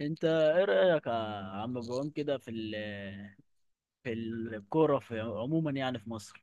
انت ايه رايك يا عم ابراهيم كده في الكوره في عموما يعني في مصر؟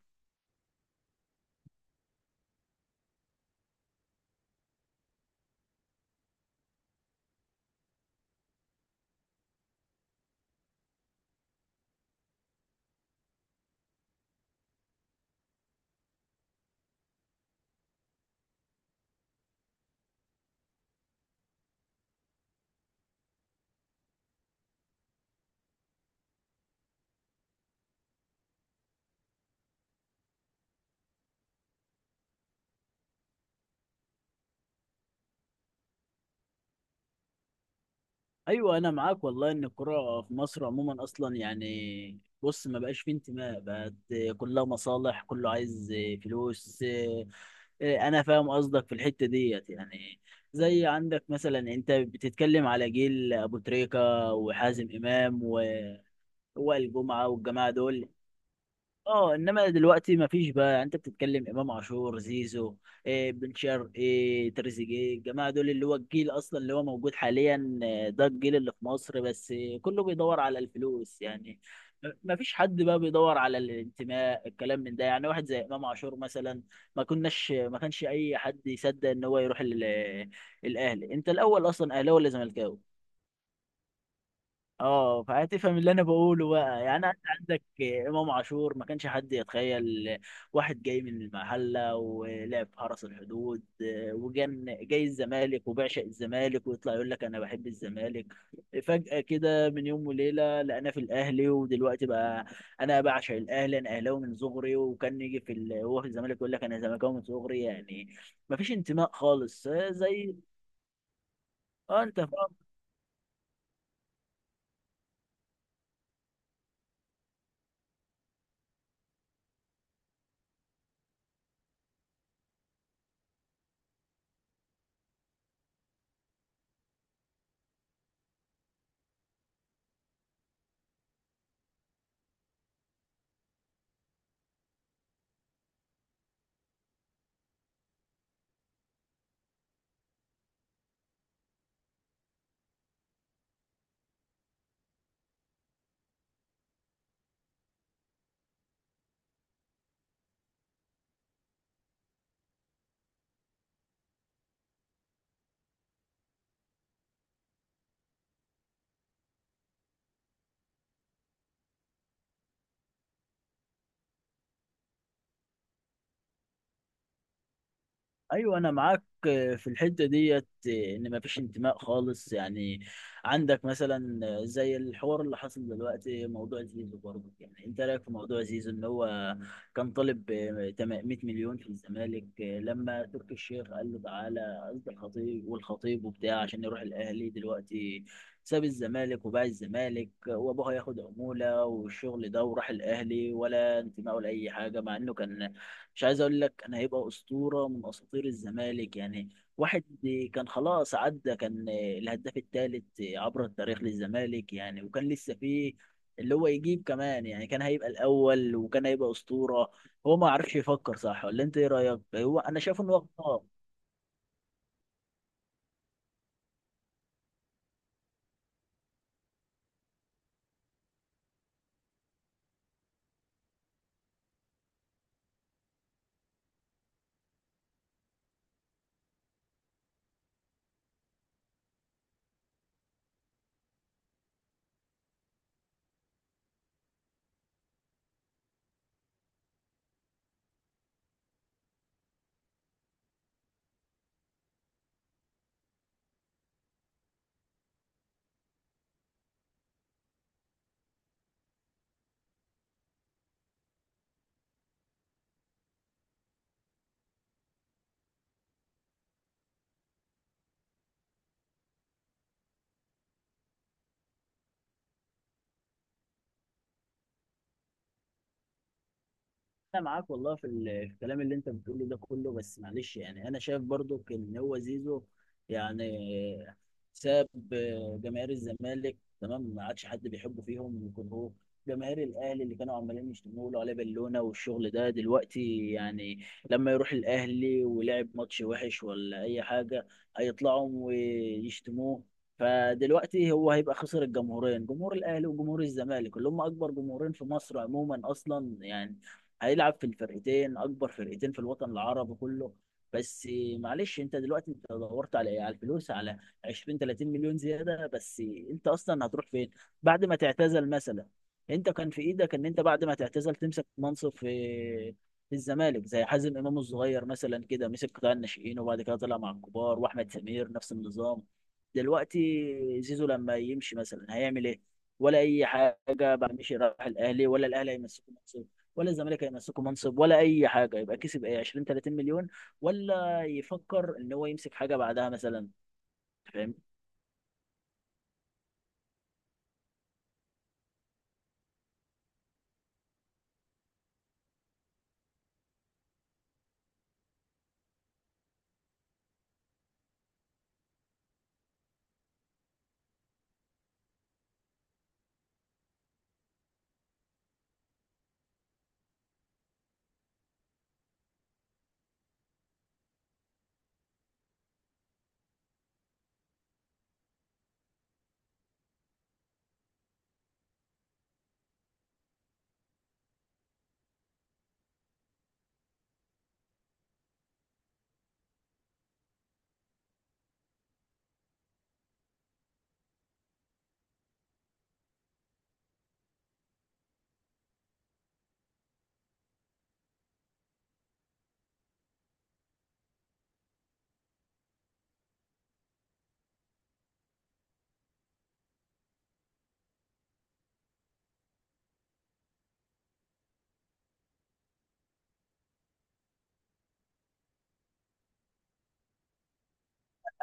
ايوه، انا معاك والله، ان الكوره في مصر عموما اصلا يعني بص ما بقاش فيه انتماء، بقت كلها مصالح، كله عايز فلوس. اه، انا فاهم قصدك في الحته ديت يعني. زي عندك مثلا، انت بتتكلم على جيل ابو تريكه وحازم امام ووائل جمعه والجماعه دول. اه، انما دلوقتي ما فيش بقى يعني. انت بتتكلم امام عاشور، زيزو، إيه، بن شرقي، إيه، تريزيجيه، الجماعه دول اللي هو الجيل اصلا اللي هو موجود حاليا ده الجيل اللي في مصر. بس كله بيدور على الفلوس يعني. ما فيش حد بقى بيدور على الانتماء، الكلام من ده يعني. واحد زي امام عاشور مثلا، ما كانش اي حد يصدق ان هو يروح الاهلي. انت الاول اصلا اهلاوي ولا زملكاوي؟ اه، فهتفهم اللي انا بقوله بقى يعني. انت عندك امام عاشور، ما كانش حد يتخيل واحد جاي من المحله ولعب في حرس الحدود، وجن جاي الزمالك وبعشق الزمالك ويطلع يقول لك انا بحب الزمالك. فجاه كده من يوم وليله لقينا في الاهلي، ودلوقتي بقى انا بعشق الاهلي، انا اهلاوي من صغري. وكان يجي هو في الزمالك يقول لك انا زملكاوي من صغري يعني. ما فيش انتماء خالص زي... اه، انت فاهم. ايوه، انا معاك في الحته ديت ان مفيش انتماء خالص يعني. عندك مثلا زي الحوار اللي حصل دلوقتي، موضوع زيزو برضه. يعني انت رايك في موضوع زيزو، ان هو كان طالب 100 مليون في الزمالك، لما تركي الشيخ قال له تعالى، قصد الخطيب، والخطيب وبتاع عشان يروح الاهلي. دلوقتي ساب الزمالك وباع الزمالك، وابوه هياخد عموله والشغل ده، وراح الاهلي، ولا انتماء ولا اي حاجه، مع انه كان، مش عايز اقول لك، انا هيبقى اسطوره من اساطير الزمالك يعني. واحد كان خلاص عدى، كان الهداف الثالث عبر التاريخ للزمالك يعني، وكان لسه فيه اللي هو يجيب كمان يعني، كان هيبقى الاول وكان هيبقى اسطوره. هو ما عرفش يفكر صح؟ ولا انت ايه رايك؟ هو انا شايف انه غلطان. انا معاك والله في الكلام اللي انت بتقوله ده كله، بس معلش يعني انا شايف برضو ان هو زيزو يعني ساب جماهير الزمالك، تمام، ما عادش حد بيحبه فيهم. يكون هو جماهير الاهلي اللي كانوا عمالين يشتموا له عليه بالونه والشغل ده دلوقتي يعني، لما يروح الاهلي ولعب ماتش وحش ولا اي حاجه، هيطلعوا ويشتموه. فدلوقتي هو هيبقى خسر الجمهورين، جمهور الاهلي وجمهور الزمالك، اللي هم اكبر جمهورين في مصر عموما اصلا يعني. هيلعب في الفرقتين، اكبر فرقتين في الوطن العربي كله. بس معلش، انت دلوقتي انت دورت على ايه؟ على الفلوس؟ على 20 30 مليون زياده بس؟ انت اصلا هتروح فين بعد ما تعتزل مثلا؟ انت كان في ايدك ان انت بعد ما تعتزل تمسك منصب في الزمالك، زي حازم امام الصغير مثلا كده مسك قطاع الناشئين وبعد كده طلع مع الكبار، واحمد سمير نفس النظام. دلوقتي زيزو لما يمشي مثلا هيعمل ايه؟ ولا اي حاجه بقى، مشي راح الاهلي، ولا الاهلي هيمسكه منصب ولا الزمالك هيمسكه منصب ولا اي حاجه؟ يبقى كسب ايه، 20 30 مليون؟ ولا يفكر ان هو يمسك حاجه بعدها مثلا؟ فاهم.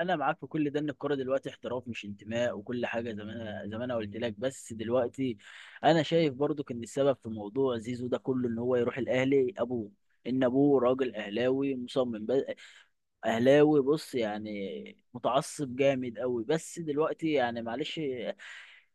انا معاك في كل ده ان الكوره دلوقتي احتراف مش انتماء وكل حاجه، زي ما انا قلت لك. بس دلوقتي انا شايف برضو ان السبب في موضوع زيزو ده كله ان هو يروح الاهلي ابوه، ان ابوه راجل اهلاوي مصمم، بس اهلاوي بص يعني، متعصب جامد قوي. بس دلوقتي يعني معلش،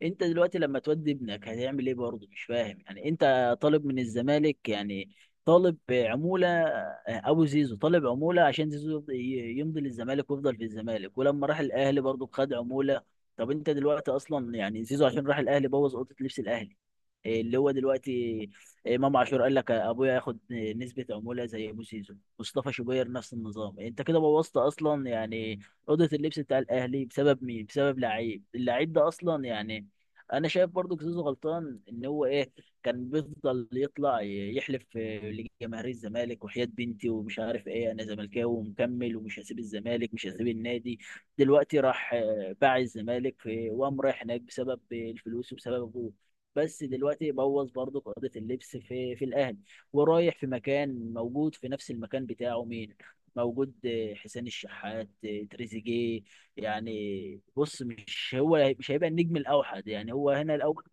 انت دلوقتي لما تودي ابنك هتعمل ايه برضه؟ مش فاهم يعني. انت طالب من الزمالك يعني، طالب عمولة؟ ابو زيزو طالب عمولة عشان زيزو يمضي للزمالك ويفضل في الزمالك، ولما راح الاهلي برضه خد عمولة. طب انت دلوقتي اصلا يعني زيزو عشان راح الاهلي بوظ اوضة لبس الاهلي. إيه اللي هو دلوقتي؟ إيه، امام عاشور قال لك ابويا ياخد نسبة عمولة زي ابو زيزو، مصطفى شوبير نفس النظام. انت كده بوظت اصلا يعني اوضة اللبس بتاع الاهلي بسبب مين؟ بسبب لعيب، اللعيب ده اصلا يعني. انا شايف برضو زيزو غلطان ان هو ايه، كان بيفضل يطلع يحلف لجماهير الزمالك، وحياة بنتي ومش عارف ايه، انا زملكاوي ومكمل ومش هسيب الزمالك، مش هسيب النادي. دلوقتي راح باع الزمالك، في وقام رايح هناك بسبب الفلوس وبسبب ابوه. بس دلوقتي بوظ برضو قضية اللبس في الاهلي. ورايح في مكان موجود في نفس المكان بتاعه مين موجود؟ آه، حسين الشحات، تريزيجيه. يعني بص، مش هو مش هيبقى النجم الاوحد يعني، هو هنا الاول.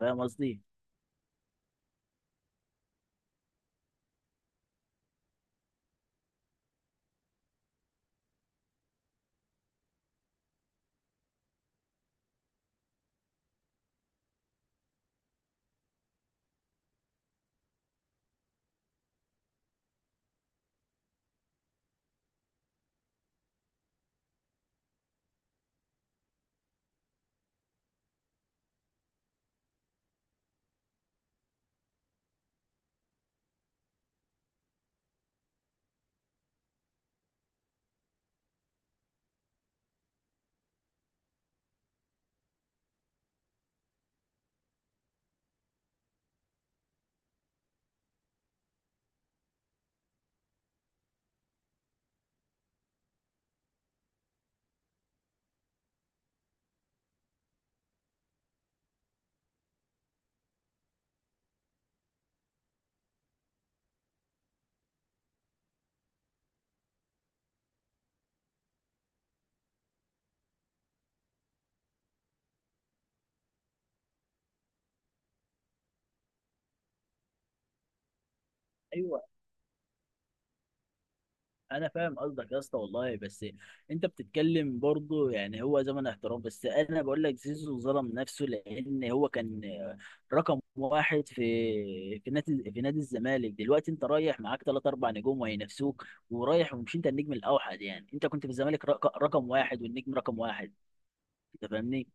فاهم قصدي؟ ايوه، انا فاهم قصدك يا اسطى والله. بس انت بتتكلم برضو يعني هو زمن احترام، بس انا بقول لك زيزو ظلم نفسه، لان هو كان رقم واحد في نادي الزمالك. دلوقتي انت رايح معاك ثلاث اربع نجوم وهينافسوك ورايح، ومش انت النجم الاوحد يعني. انت كنت في الزمالك رقم واحد والنجم رقم واحد. انت فاهمني؟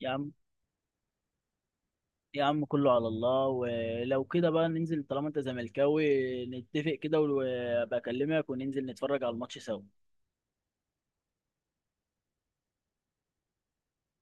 يا عم، يا عم كله على الله. ولو كده بقى ننزل طالما انت زملكاوي، نتفق كده، وابقى اكلمك وننزل نتفرج على الماتش سوا.